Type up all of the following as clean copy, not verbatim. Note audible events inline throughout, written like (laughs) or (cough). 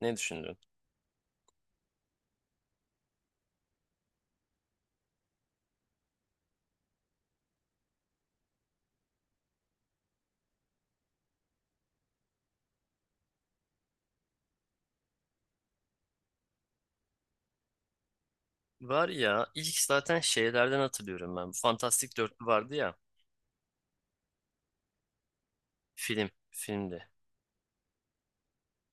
Ne düşündün? Var ya ilk zaten şeylerden hatırlıyorum ben. Bu Fantastik Dörtlü vardı ya. Filmde.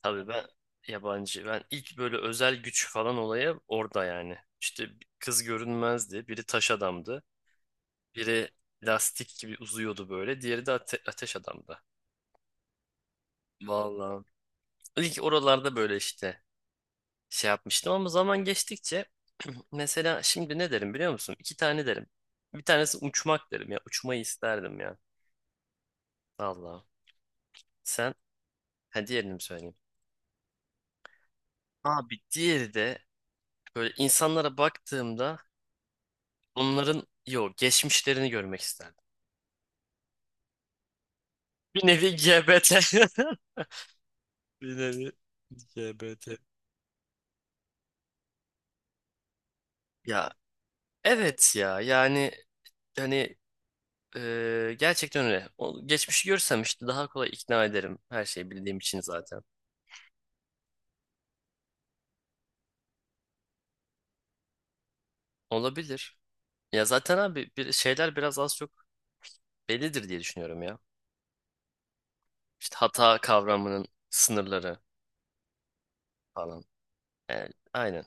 Tabii ben yabancı. Ben ilk böyle özel güç falan olayı orada yani. İşte kız görünmezdi. Biri taş adamdı. Biri lastik gibi uzuyordu böyle. Diğeri de ateş adamdı. Vallahi. İlk oralarda böyle işte şey yapmıştım ama zaman geçtikçe (clears throat) mesela şimdi ne derim biliyor musun? İki tane derim. Bir tanesi uçmak derim ya. Uçmayı isterdim ya. Vallahi. Sen? Ha diğerini mi söyleyeyim? Abi diğeri de böyle insanlara baktığımda onların geçmişlerini görmek isterdim. Bir nevi GBT. (laughs) Bir nevi GBT. Ya evet ya yani hani gerçekten öyle. O, geçmişi görsem işte daha kolay ikna ederim. Her şeyi bildiğim için zaten. Olabilir. Ya zaten abi bir şeyler biraz az çok bellidir diye düşünüyorum ya. İşte hata kavramının sınırları falan. Yani, aynen.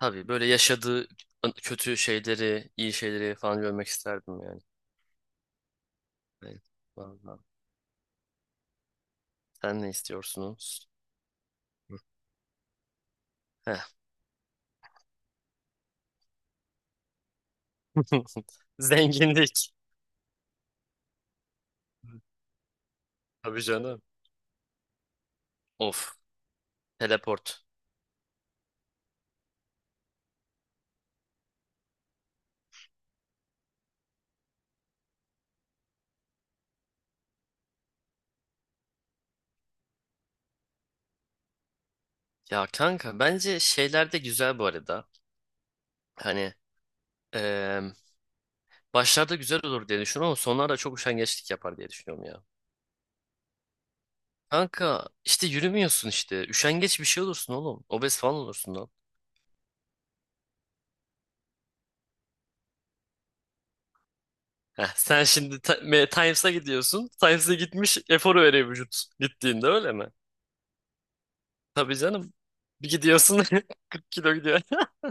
Tabii böyle yaşadığı kötü şeyleri, iyi şeyleri falan görmek isterdim yani. Evet. Vallahi. Sen ne istiyorsunuz? Heh. (laughs) Zenginlik. Tabii canım. Of. Teleport. Ya kanka bence şeyler de güzel bu arada. Hani eee, başlarda güzel olur diye düşünüyorum ama sonlarda çok üşengeçlik yapar diye düşünüyorum ya. Kanka işte yürümüyorsun işte. Üşengeç bir şey olursun oğlum. Obez falan olursun. Heh, sen şimdi Times'a gidiyorsun. Times'a gitmiş eforu veriyor vücut gittiğinde öyle mi? Tabii canım. Bir gidiyorsun, (laughs) 40 kilo gidiyor. (laughs)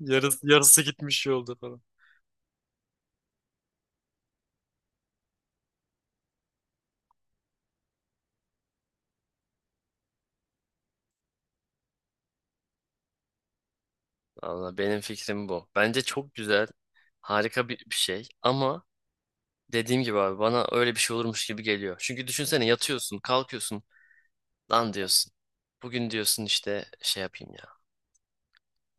Yarısı gitmiş yolda falan. Valla benim fikrim bu. Bence çok güzel. Harika bir şey. Ama dediğim gibi abi bana öyle bir şey olurmuş gibi geliyor. Çünkü düşünsene yatıyorsun, kalkıyorsun. Lan diyorsun. Bugün diyorsun işte şey yapayım ya.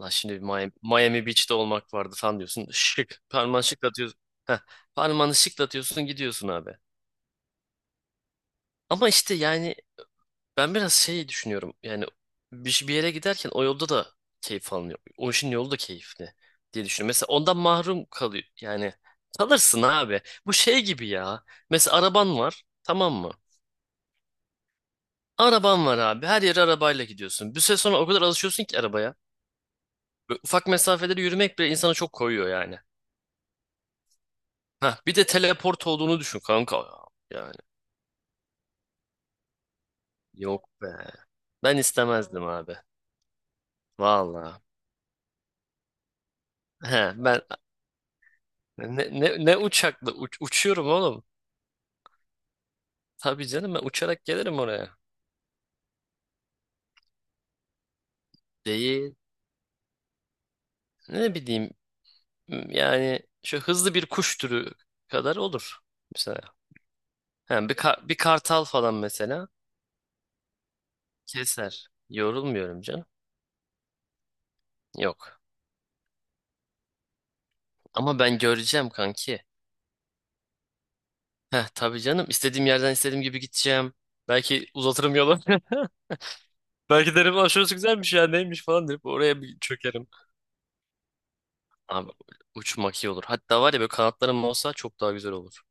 Lan şimdi bir Miami Beach'te olmak vardı falan diyorsun. Şık. Parmağını şıklatıyorsun. Heh, parmağını şıklatıyorsun gidiyorsun abi. Ama işte yani ben biraz şey düşünüyorum. Yani bir yere giderken o yolda da keyif alınıyor. O işin yolu da keyifli diye düşünüyorum. Mesela ondan mahrum kalıyor. Yani kalırsın abi. Bu şey gibi ya. Mesela araban var. Tamam mı? Araban var abi. Her yere arabayla gidiyorsun. Bir süre sonra o kadar alışıyorsun ki arabaya. Böyle ufak mesafeleri yürümek bile insana çok koyuyor yani. Ha bir de teleport olduğunu düşün kanka, ya. Yani yok be. Ben istemezdim abi. Valla. He, ben ne uçakla uçuyorum oğlum. Tabii canım ben uçarak gelirim oraya. Değil. Ne bileyim yani şu hızlı bir kuş türü kadar olur. Mesela. He, bir kartal falan mesela keser. Yorulmuyorum canım. Yok. Ama ben göreceğim kanki. Heh, tabii canım istediğim yerden istediğim gibi gideceğim. Belki uzatırım yolu. Belki derim, "Aa, şurası güzelmiş ya neymiş," falan deyip oraya bir çökerim. Abi uçmak iyi olur. Hatta var ya böyle kanatlarım olsa çok daha güzel olur.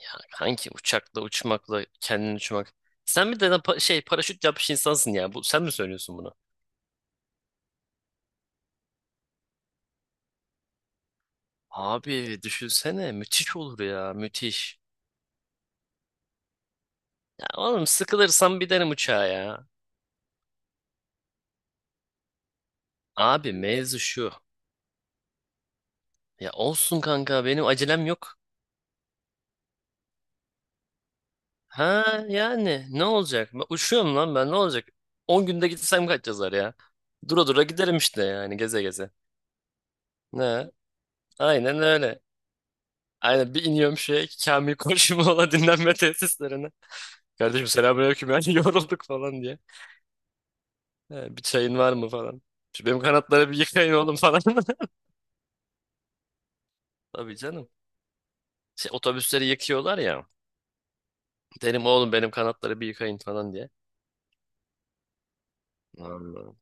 Ya kanki uçakla uçmakla kendin uçmak. Sen bir de lan paraşüt yapmış insansın ya. Bu, sen mi söylüyorsun bunu? Abi düşünsene müthiş olur ya, müthiş. Ya oğlum sıkılırsam binerim uçağa ya. Abi mevzu şu. Ya olsun kanka, benim acelem yok. Ha yani ne olacak? Ben uçuyorum lan, ben ne olacak? 10 günde gitsem kaç yazar ya? Dura dura giderim işte, yani geze geze. Ne? Aynen öyle. Aynen, bir iniyorum şeye, Kamil Koçumoğlu (laughs) dinlenme tesislerine. Kardeşim, selamünaleyküm yani, (laughs) yorulduk falan diye. He, bir çayın var mı falan. Şu benim kanatları bir yıkayın oğlum falan. (laughs) Tabii canım. Şey, otobüsleri yıkıyorlar ya. Derim oğlum benim kanatları bir yıkayın falan diye. Vallahi.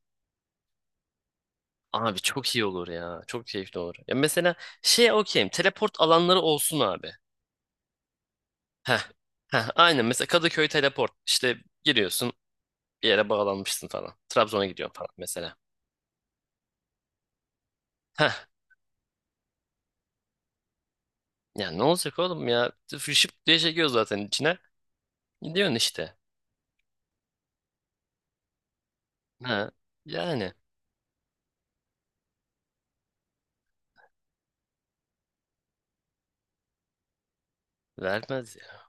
Abi çok iyi olur ya. Çok keyifli olur. Ya mesela şey, okeyim. Teleport alanları olsun abi. Heh. Heh, aynen, mesela Kadıköy teleport. İşte giriyorsun bir yere, bağlanmışsın falan. Trabzon'a gidiyorsun falan, mesela. Heh. Ya ne olacak oğlum ya? Fışıp diye çekiyor zaten içine. Gidiyorsun işte. Ha. Yani. Vermez ya.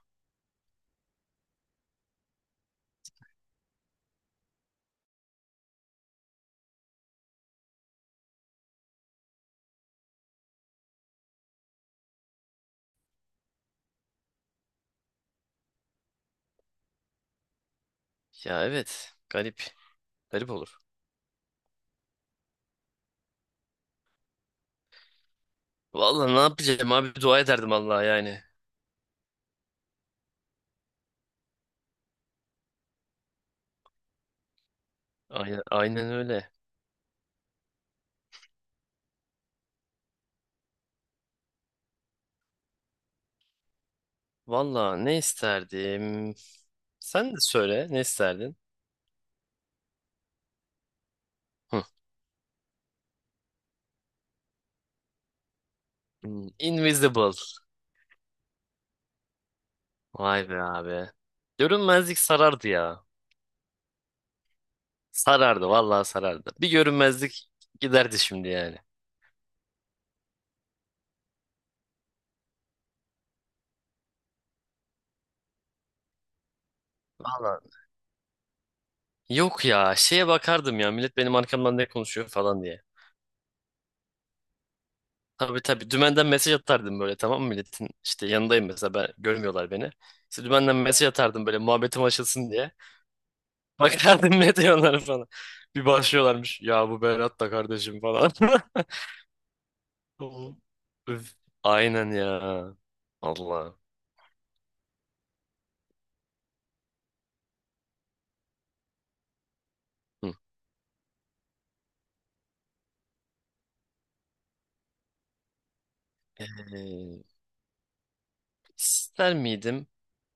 Ya evet. Garip. Garip olur. Vallahi ne yapacağım abi, dua ederdim Allah'a yani. Aynen, aynen öyle. Vallahi ne isterdim? Sen de söyle, ne isterdin? Hı. Invisible. Vay be abi. Görünmezlik sarardı ya. Sarardı vallahi, sarardı. Bir görünmezlik giderdi şimdi yani. Vallahi. Yok ya, şeye bakardım ya, millet benim arkamdan ne konuşuyor falan diye. Tabii tabii, dümenden mesaj atardım böyle, tamam mı, milletin işte yanındayım mesela, ben, görmüyorlar beni. İşte dümenden mesaj atardım böyle muhabbetim açılsın diye. Bakardım (laughs) ne diyorlar falan. Bir başlıyorlarmış ya bu Berat da kardeşim falan. (laughs) Öf. Aynen ya. Allah. Ee, ister miydim?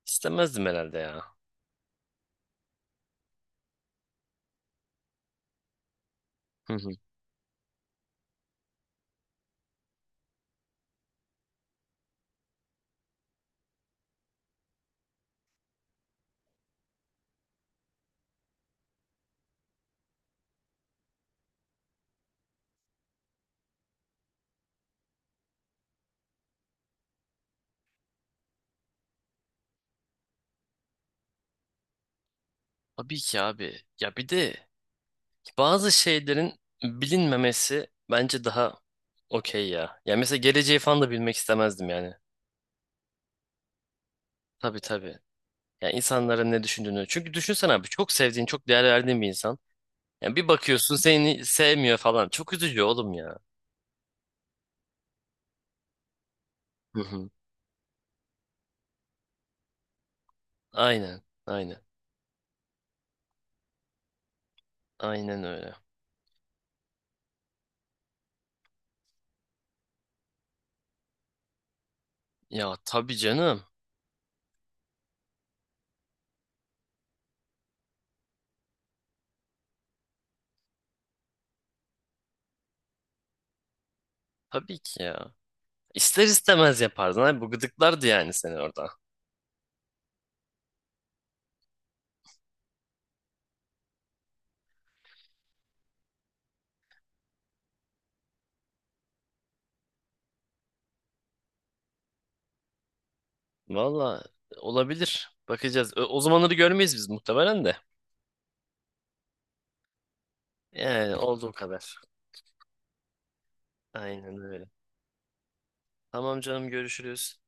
İstemezdim herhalde ya. Hı hı. Tabii ki abi. Ya bir de bazı şeylerin bilinmemesi bence daha okey ya. Ya mesela geleceği falan da bilmek istemezdim yani. Tabii tabii. Yani insanların ne düşündüğünü. Çünkü düşünsene abi çok sevdiğin, çok değer verdiğin bir insan. Yani bir bakıyorsun seni sevmiyor falan. Çok üzücü oğlum ya. Hı hı. Aynen, aynen. Aynen öyle. Ya tabii canım. Tabii ki ya. İster istemez yapardın abi. Bu gıdıklardı yani seni orada. Valla olabilir. Bakacağız. O zamanları görmeyiz biz muhtemelen de. Yani olduğu kadar. Aynen öyle. Tamam canım, görüşürüz.